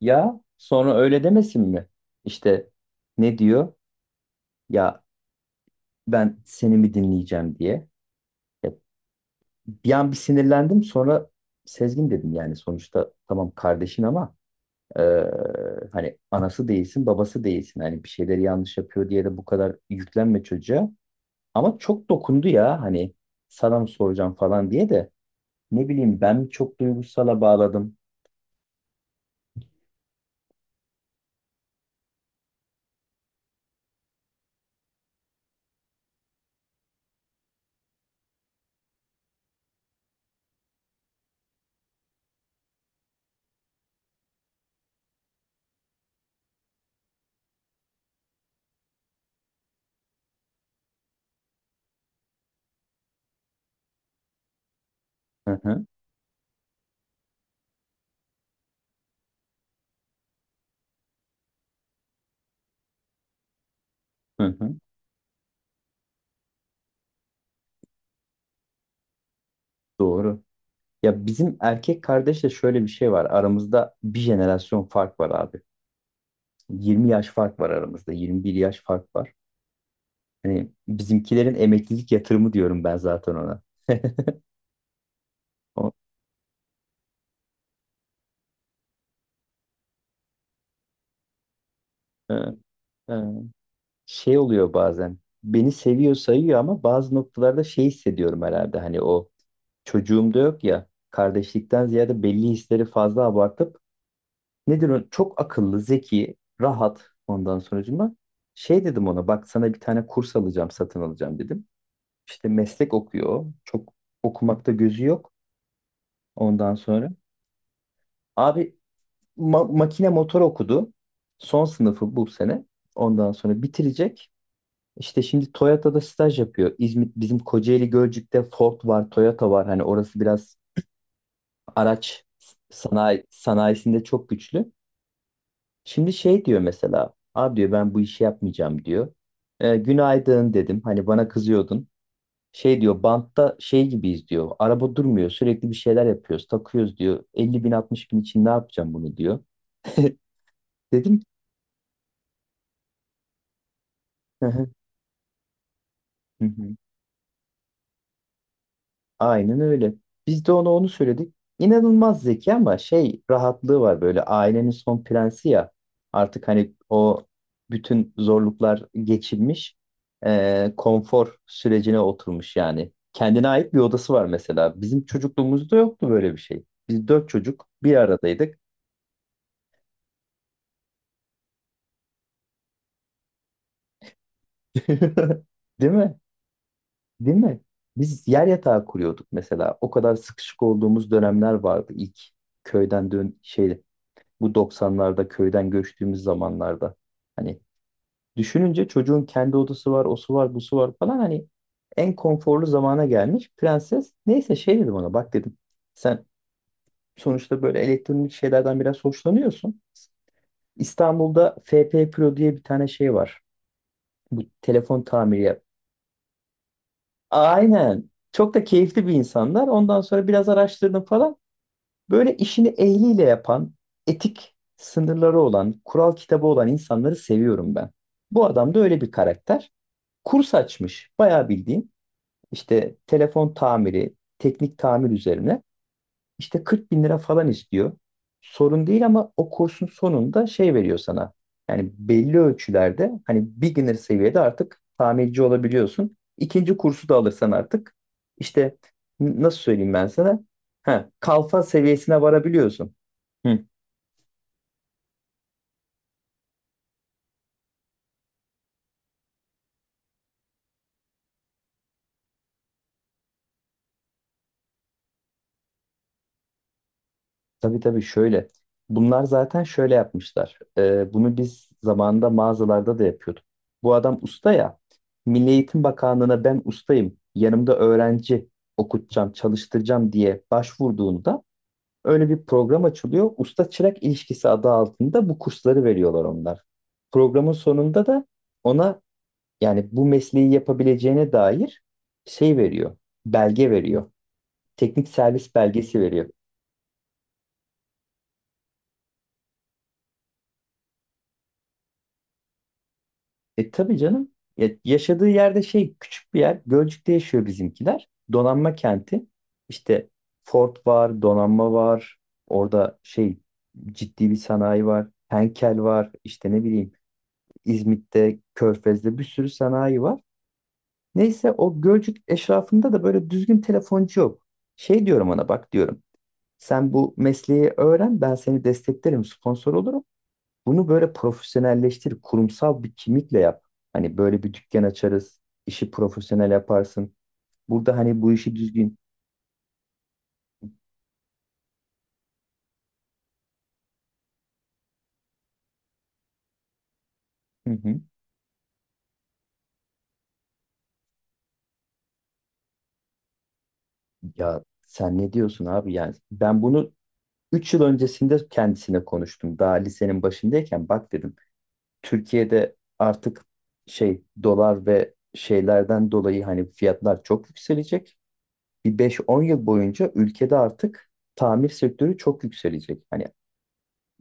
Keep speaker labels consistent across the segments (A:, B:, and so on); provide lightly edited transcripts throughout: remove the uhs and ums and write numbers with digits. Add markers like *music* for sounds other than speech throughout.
A: Ya sonra öyle demesin mi? İşte ne diyor? Ya ben seni mi dinleyeceğim diye. Ya bir an bir sinirlendim sonra Sezgin dedim yani sonuçta tamam kardeşin ama eee, hani anası değilsin babası değilsin. Hani bir şeyleri yanlış yapıyor diye de bu kadar yüklenme çocuğa. Ama çok dokundu ya hani sana mı soracağım falan diye de ne bileyim ben mi çok duygusala bağladım. Hı hı, hı hı. Doğru. Ya bizim erkek kardeşle şöyle bir şey var. Aramızda bir jenerasyon fark var abi. 20 yaş fark var aramızda. 21 yaş fark var. Hani bizimkilerin emeklilik yatırımı diyorum ben zaten ona. O, e, e, şey oluyor bazen. Beni seviyor sayıyor ama bazı noktalarda şey hissediyorum herhalde. Hani o çocuğum da yok ya. Kardeşlikten ziyade belli hisleri fazla abartıp nedir o? Çok akıllı, zeki, rahat ondan sonucuma. Şey dedim ona bak sana bir tane kurs alacağım, satın alacağım dedim. İşte meslek okuyor. Çok okumakta gözü yok ondan sonra. Abi makine motor okudu. Son sınıfı bu sene. Ondan sonra bitirecek. İşte şimdi Toyota'da staj yapıyor. İzmit bizim Kocaeli Gölcük'te Ford var, Toyota var. Hani orası biraz araç sanayisinde çok güçlü. Şimdi şey diyor mesela. Abi diyor ben bu işi yapmayacağım diyor. E, günaydın dedim. Hani bana kızıyordun. Şey diyor bantta şey gibiyiz diyor. Araba durmuyor sürekli bir şeyler yapıyoruz takıyoruz diyor. 50 bin 60 bin için ne yapacağım bunu diyor. *laughs* Dedim. "Hı hı, hı hı." Aynen öyle. Biz de ona onu söyledik. İnanılmaz zeki ama şey rahatlığı var böyle ailenin son prensi ya. Artık hani o bütün zorluklar geçilmiş. Konfor sürecine oturmuş yani. Kendine ait bir odası var mesela. Bizim çocukluğumuzda yoktu böyle bir şey. Biz dört çocuk bir aradaydık. *laughs* Değil mi? Değil mi? Biz yer yatağı kuruyorduk mesela. O kadar sıkışık olduğumuz dönemler vardı ilk köyden dön şey bu 90'larda köyden göçtüğümüz zamanlarda. Hani düşününce çocuğun kendi odası var, osu var, busu var falan hani en konforlu zamana gelmiş prenses. Neyse şey dedim ona bak dedim. Sen sonuçta böyle elektronik şeylerden biraz hoşlanıyorsun. İstanbul'da FP Pro diye bir tane şey var. Bu telefon tamiri. Aynen. Çok da keyifli bir insanlar. Ondan sonra biraz araştırdım falan. Böyle işini ehliyle yapan, etik sınırları olan, kural kitabı olan insanları seviyorum ben. Bu adam da öyle bir karakter. Kurs açmış, bayağı bildiğin. İşte telefon tamiri, teknik tamir üzerine. İşte 40 bin lira falan istiyor. Sorun değil ama o kursun sonunda şey veriyor sana. Yani belli ölçülerde hani beginner seviyede artık tamirci olabiliyorsun. İkinci kursu da alırsan artık işte nasıl söyleyeyim ben sana? Ha, kalfa seviyesine varabiliyorsun. Hı. Tabii tabii şöyle. Bunlar zaten şöyle yapmışlar. Bunu biz zamanında mağazalarda da yapıyorduk. Bu adam usta ya. Milli Eğitim Bakanlığı'na ben ustayım. Yanımda öğrenci okutacağım, çalıştıracağım diye başvurduğunda öyle bir program açılıyor. Usta çırak ilişkisi adı altında bu kursları veriyorlar onlar. Programın sonunda da ona yani bu mesleği yapabileceğine dair şey veriyor. Belge veriyor. Teknik servis belgesi veriyor. E tabii canım. Ya, yaşadığı yerde şey küçük bir yer. Gölcük'te yaşıyor bizimkiler. Donanma kenti. İşte Ford var, donanma var. Orada şey ciddi bir sanayi var. Henkel var. İşte ne bileyim İzmit'te, Körfez'de bir sürü sanayi var. Neyse o Gölcük eşrafında da böyle düzgün telefoncu yok. Şey diyorum ona bak diyorum. Sen bu mesleği öğren ben seni desteklerim, sponsor olurum. Bunu böyle profesyonelleştir, kurumsal bir kimlikle yap. Hani böyle bir dükkan açarız, işi profesyonel yaparsın. Burada hani bu işi düzgün. Hı hı. Ya sen ne diyorsun abi? Yani ben bunu 3 yıl öncesinde kendisine konuştum. Daha lisenin başındayken bak dedim. Türkiye'de artık şey dolar ve şeylerden dolayı hani fiyatlar çok yükselecek. Bir 5-10 yıl boyunca ülkede artık tamir sektörü çok yükselecek. Hani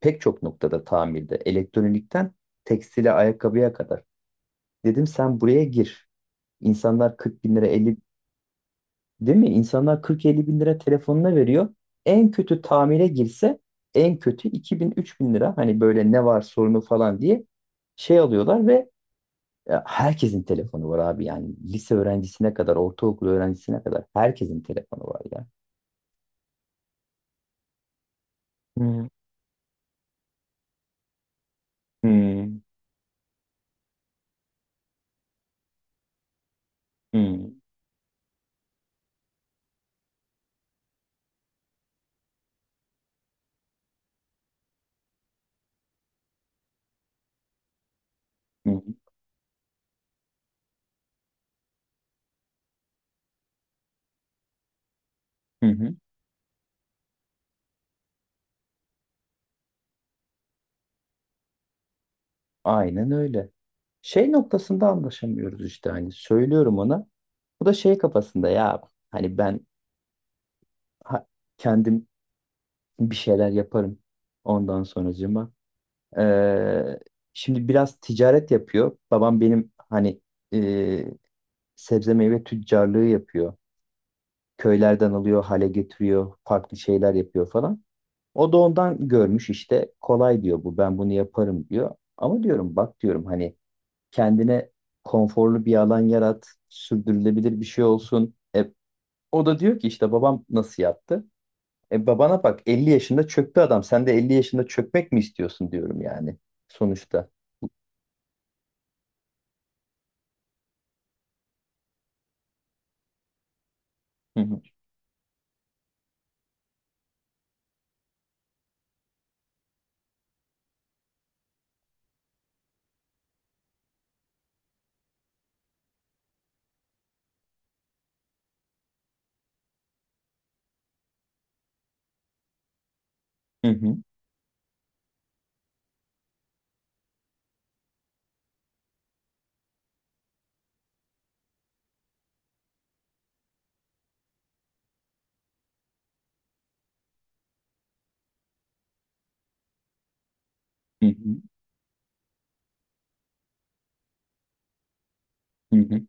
A: pek çok noktada tamirde, elektronikten tekstile, ayakkabıya kadar. Dedim sen buraya gir. İnsanlar 40 bin lira 50 değil mi? İnsanlar 40-50 bin lira telefonuna veriyor. En kötü tamire girse en kötü 2000 bin lira hani böyle ne var sorunu falan diye şey alıyorlar ve ya herkesin telefonu var abi yani lise öğrencisine kadar ortaokul öğrencisine kadar herkesin telefonu var ya. Hı hı, hı hı, hı. Aynen öyle. Şey noktasında anlaşamıyoruz işte hani söylüyorum ona. Bu da şey kafasında ya hani ben ha- kendim bir şeyler yaparım ondan sonracığıma. Ee, Şimdi biraz ticaret yapıyor. Babam benim hani e, sebze meyve tüccarlığı yapıyor. Köylerden alıyor, hale getiriyor, farklı şeyler yapıyor falan. O da ondan görmüş işte kolay diyor bu ben bunu yaparım diyor. Ama diyorum bak diyorum hani kendine konforlu bir alan yarat, sürdürülebilir bir şey olsun. E, o da diyor ki işte babam nasıl yaptı? E babana bak 50 yaşında çöktü adam. Sen de 50 yaşında çökmek mi istiyorsun diyorum yani sonuçta. Hı hı. Hı hı. Hı hı. Hı hı.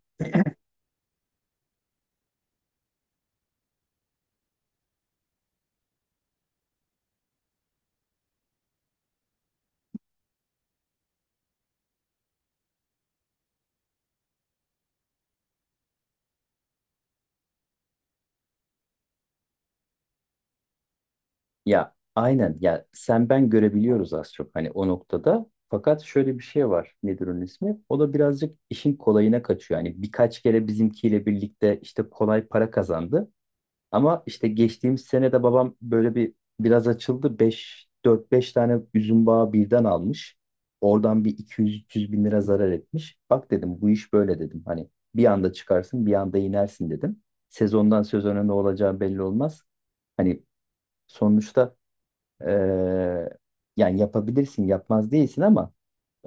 A: Ya aynen ya sen ben görebiliyoruz az çok hani o noktada. Fakat şöyle bir şey var. Nedir onun ismi? O da birazcık işin kolayına kaçıyor. Hani birkaç kere bizimkiyle birlikte işte kolay para kazandı. Ama işte geçtiğimiz sene de babam böyle bir biraz açıldı. Beş dört beş tane üzüm bağı birden almış. Oradan bir 200 yüz bin lira zarar etmiş. Bak dedim bu iş böyle dedim. Hani bir anda çıkarsın bir anda inersin dedim. Sezondan sezona ne olacağı belli olmaz. Hani sonuçta eee, yani yapabilirsin yapmaz değilsin ama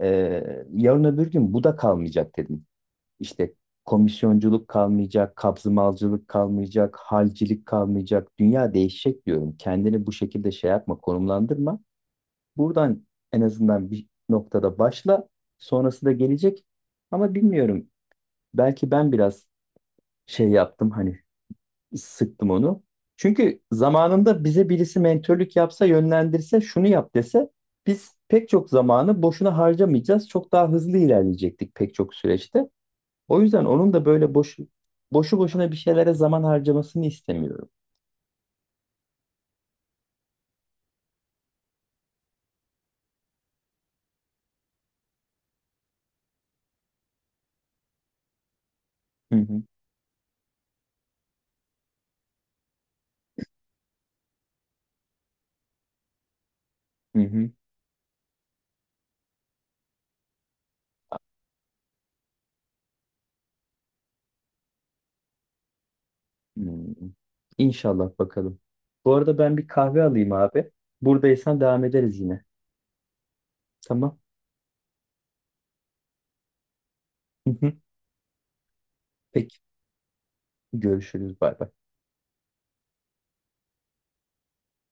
A: yarın öbür gün bu da kalmayacak dedim. İşte komisyonculuk kalmayacak, kabzımalcılık kalmayacak, halcilik kalmayacak. Dünya değişecek diyorum. Kendini bu şekilde şey yapma, konumlandırma. Buradan en azından bir noktada başla. Sonrası da gelecek. Ama bilmiyorum. Belki ben biraz şey yaptım hani sıktım onu. Çünkü zamanında bize birisi mentörlük yapsa, yönlendirse, şunu yap dese biz pek çok zamanı boşuna harcamayacağız. Çok daha hızlı ilerleyecektik pek çok süreçte. O yüzden onun da böyle boşuna bir şeylere zaman harcamasını istemiyorum. Hı hı, hı hı, hı. İnşallah bakalım. Bu arada ben bir kahve alayım abi. Buradaysan devam ederiz yine. Tamam. Hı hı. Peki. Görüşürüz. Bay bay.